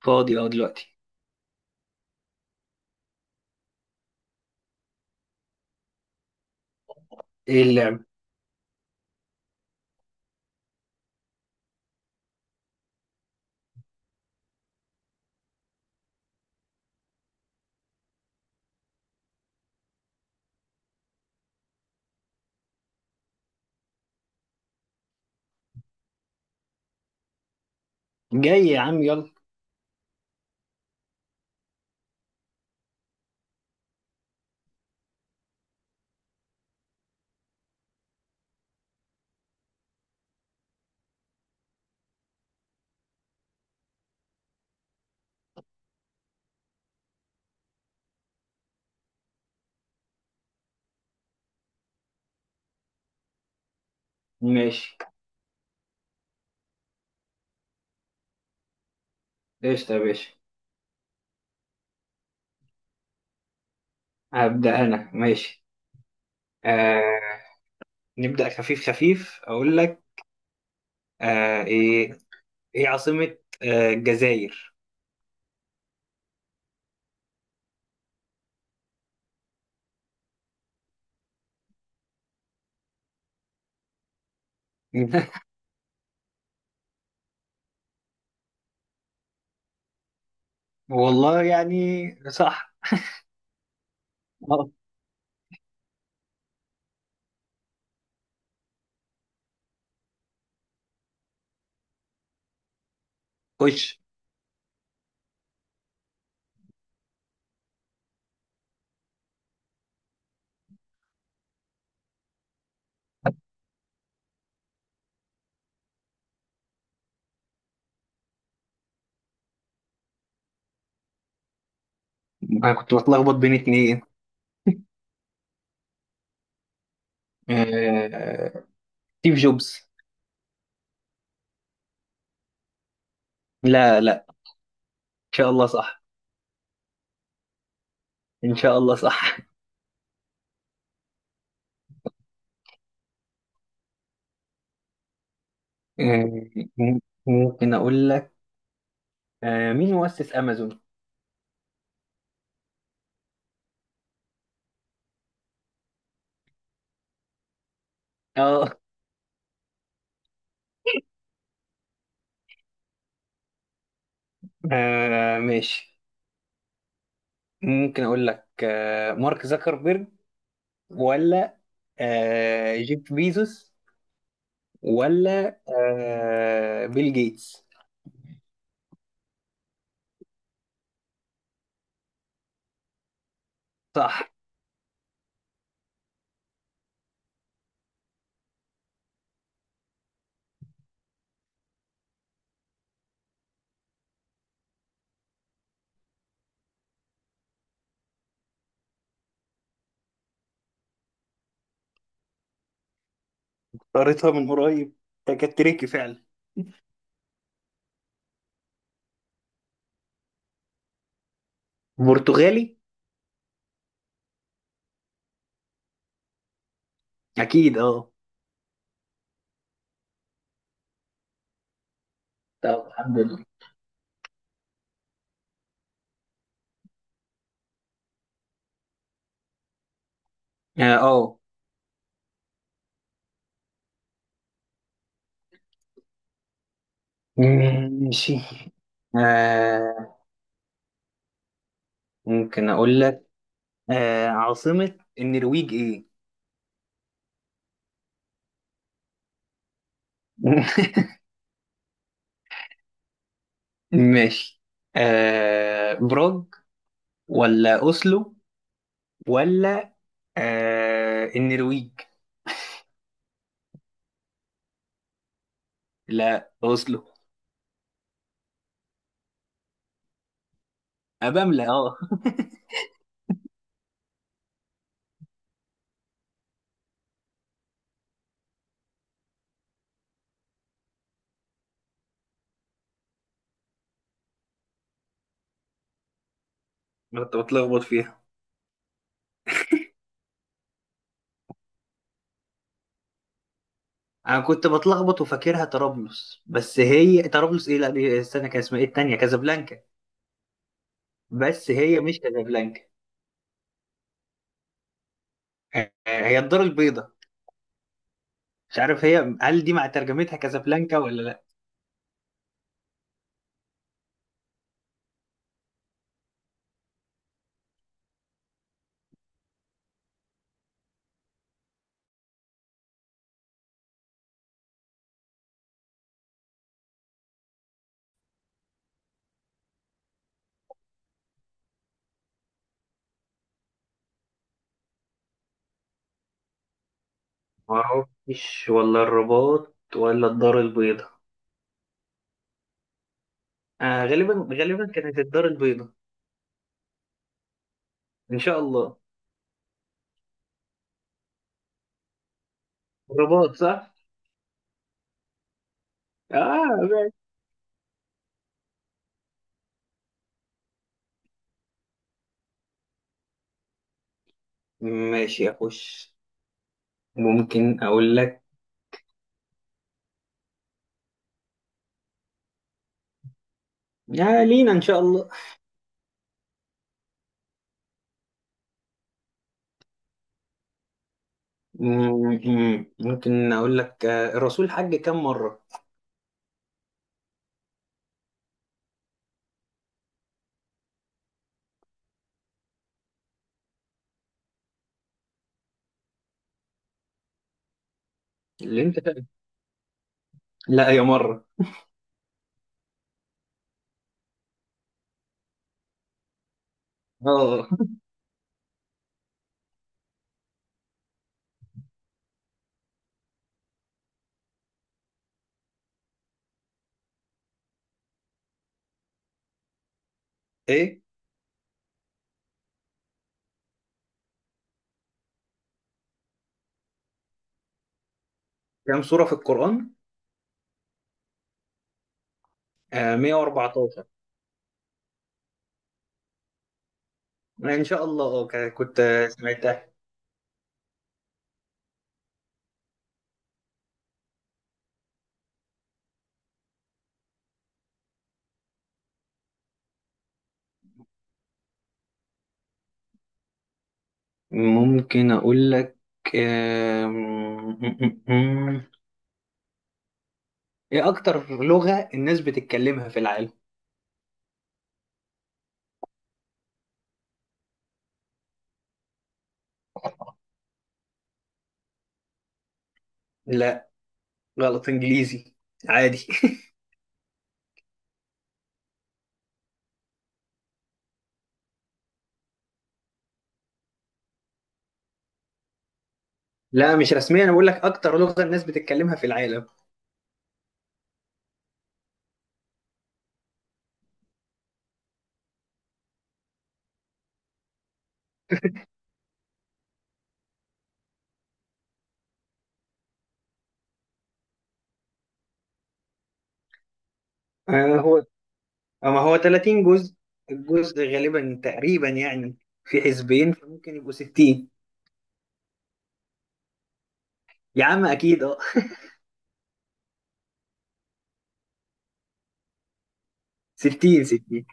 فاضي اه دلوقتي. ايه اللعب؟ جاي يا عم، يلا. ماشي. قشطة يا باشا. هبدأ انا، ماشي. آه. نبدأ خفيف خفيف، اقول لك. ايه؟ ايه عاصمة الجزائر؟ والله يعني، صح. آه، خش انا كنت بتلخبط بين اتنين. آه ستيف جوبز. لا لا. ان شاء الله صح. ان شاء الله صح. آه، ممكن اقول لك مين مؤسس امازون. اه. ماشي. ممكن اقول لك مارك زكربيرج، ولا جيف بيزوس، ولا بيل جيتس؟ صح. قريتها من قريب، ده كانت تريكي فعلا. برتغالي، اكيد اه. طب الحمد لله. اه. ماشي. آه، ممكن اقول لك عاصمة النرويج ايه؟ ماشي. براغ ولا اوسلو، ولا النرويج؟ لا، اوسلو. ابملة اه. أنا كنت بتلخبط فيها. انا كنت بتلخبط، وفاكرها طرابلس، بس هي طرابلس ايه؟ لا، دي استنى، كان اسمها ايه؟ التانية كازابلانكا. بس هي مش كازابلانكا. هي الدار البيضاء. مش عارف هي، هل دي مع ترجمتها كازابلانكا ولا لا. ما اعرفش، ولا الرباط ولا الدار البيضاء. غالبا غالبا كانت الدار البيضاء. ان شاء الله. الرباط صح. اه، ماشي. ماشي يا خوش. ممكن اقول لك لينا ان شاء الله. ممكن اقول لك، الرسول حج كم مره؟ اللي انت فاهم. لا، يا مره. اه. ايه، كم سوره في القران؟ 114. ان شاء الله اه. كنت سمعتها. ممكن اقول لك آه، م- م- م- م. ايه اكتر لغه الناس بتتكلمها في العالم؟ لا، غلط. انجليزي، عادي. لا، مش رسميا، انا بقول لك اكتر لغه الناس بتتكلمها في العالم. هو، اما هو 30 جزء. الجزء غالبا تقريبا يعني في حزبين، فممكن يبقوا 60. يا عم اكيد اه. 60، 60.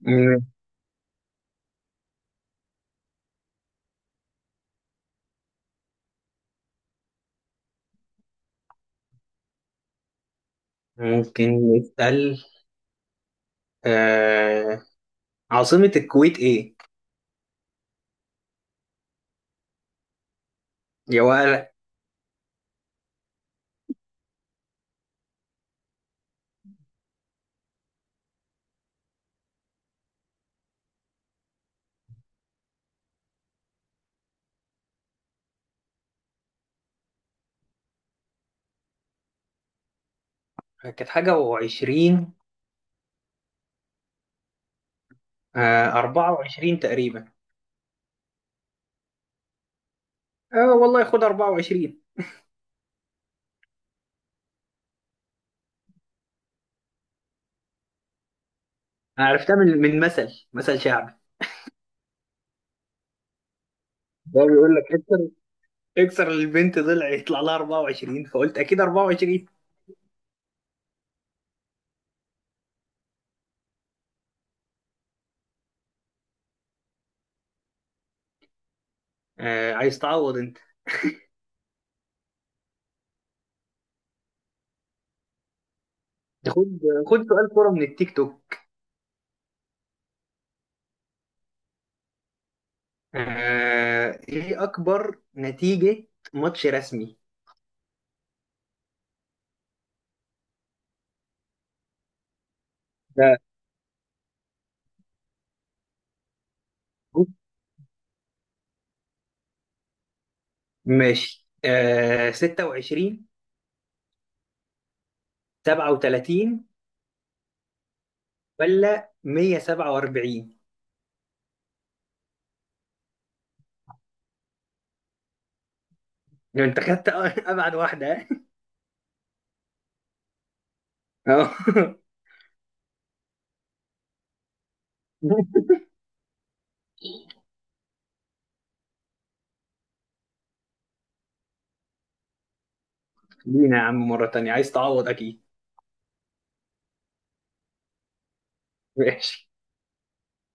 مم. ممكن نسأل آه عاصمة الكويت ايه؟ يا ولا. كانت حاجة و20. 24 تقريبا. اه والله، خد 24. أنا عرفتها من مثل شعبي. ده بيقول لك اكسر اكسر البنت ضلع، يطلع لها 24، فقلت اكيد 24. عايز تعوض انت. خد خد سؤال كورة من التيك توك. ايه اكبر نتيجة ماتش رسمي؟ ده ماشي. 26، 37، ولا 147؟ لو انت خدت ابعد واحدة. اه. لينا يا عم، مرة تانية عايز تعوض اكيد. ماشي.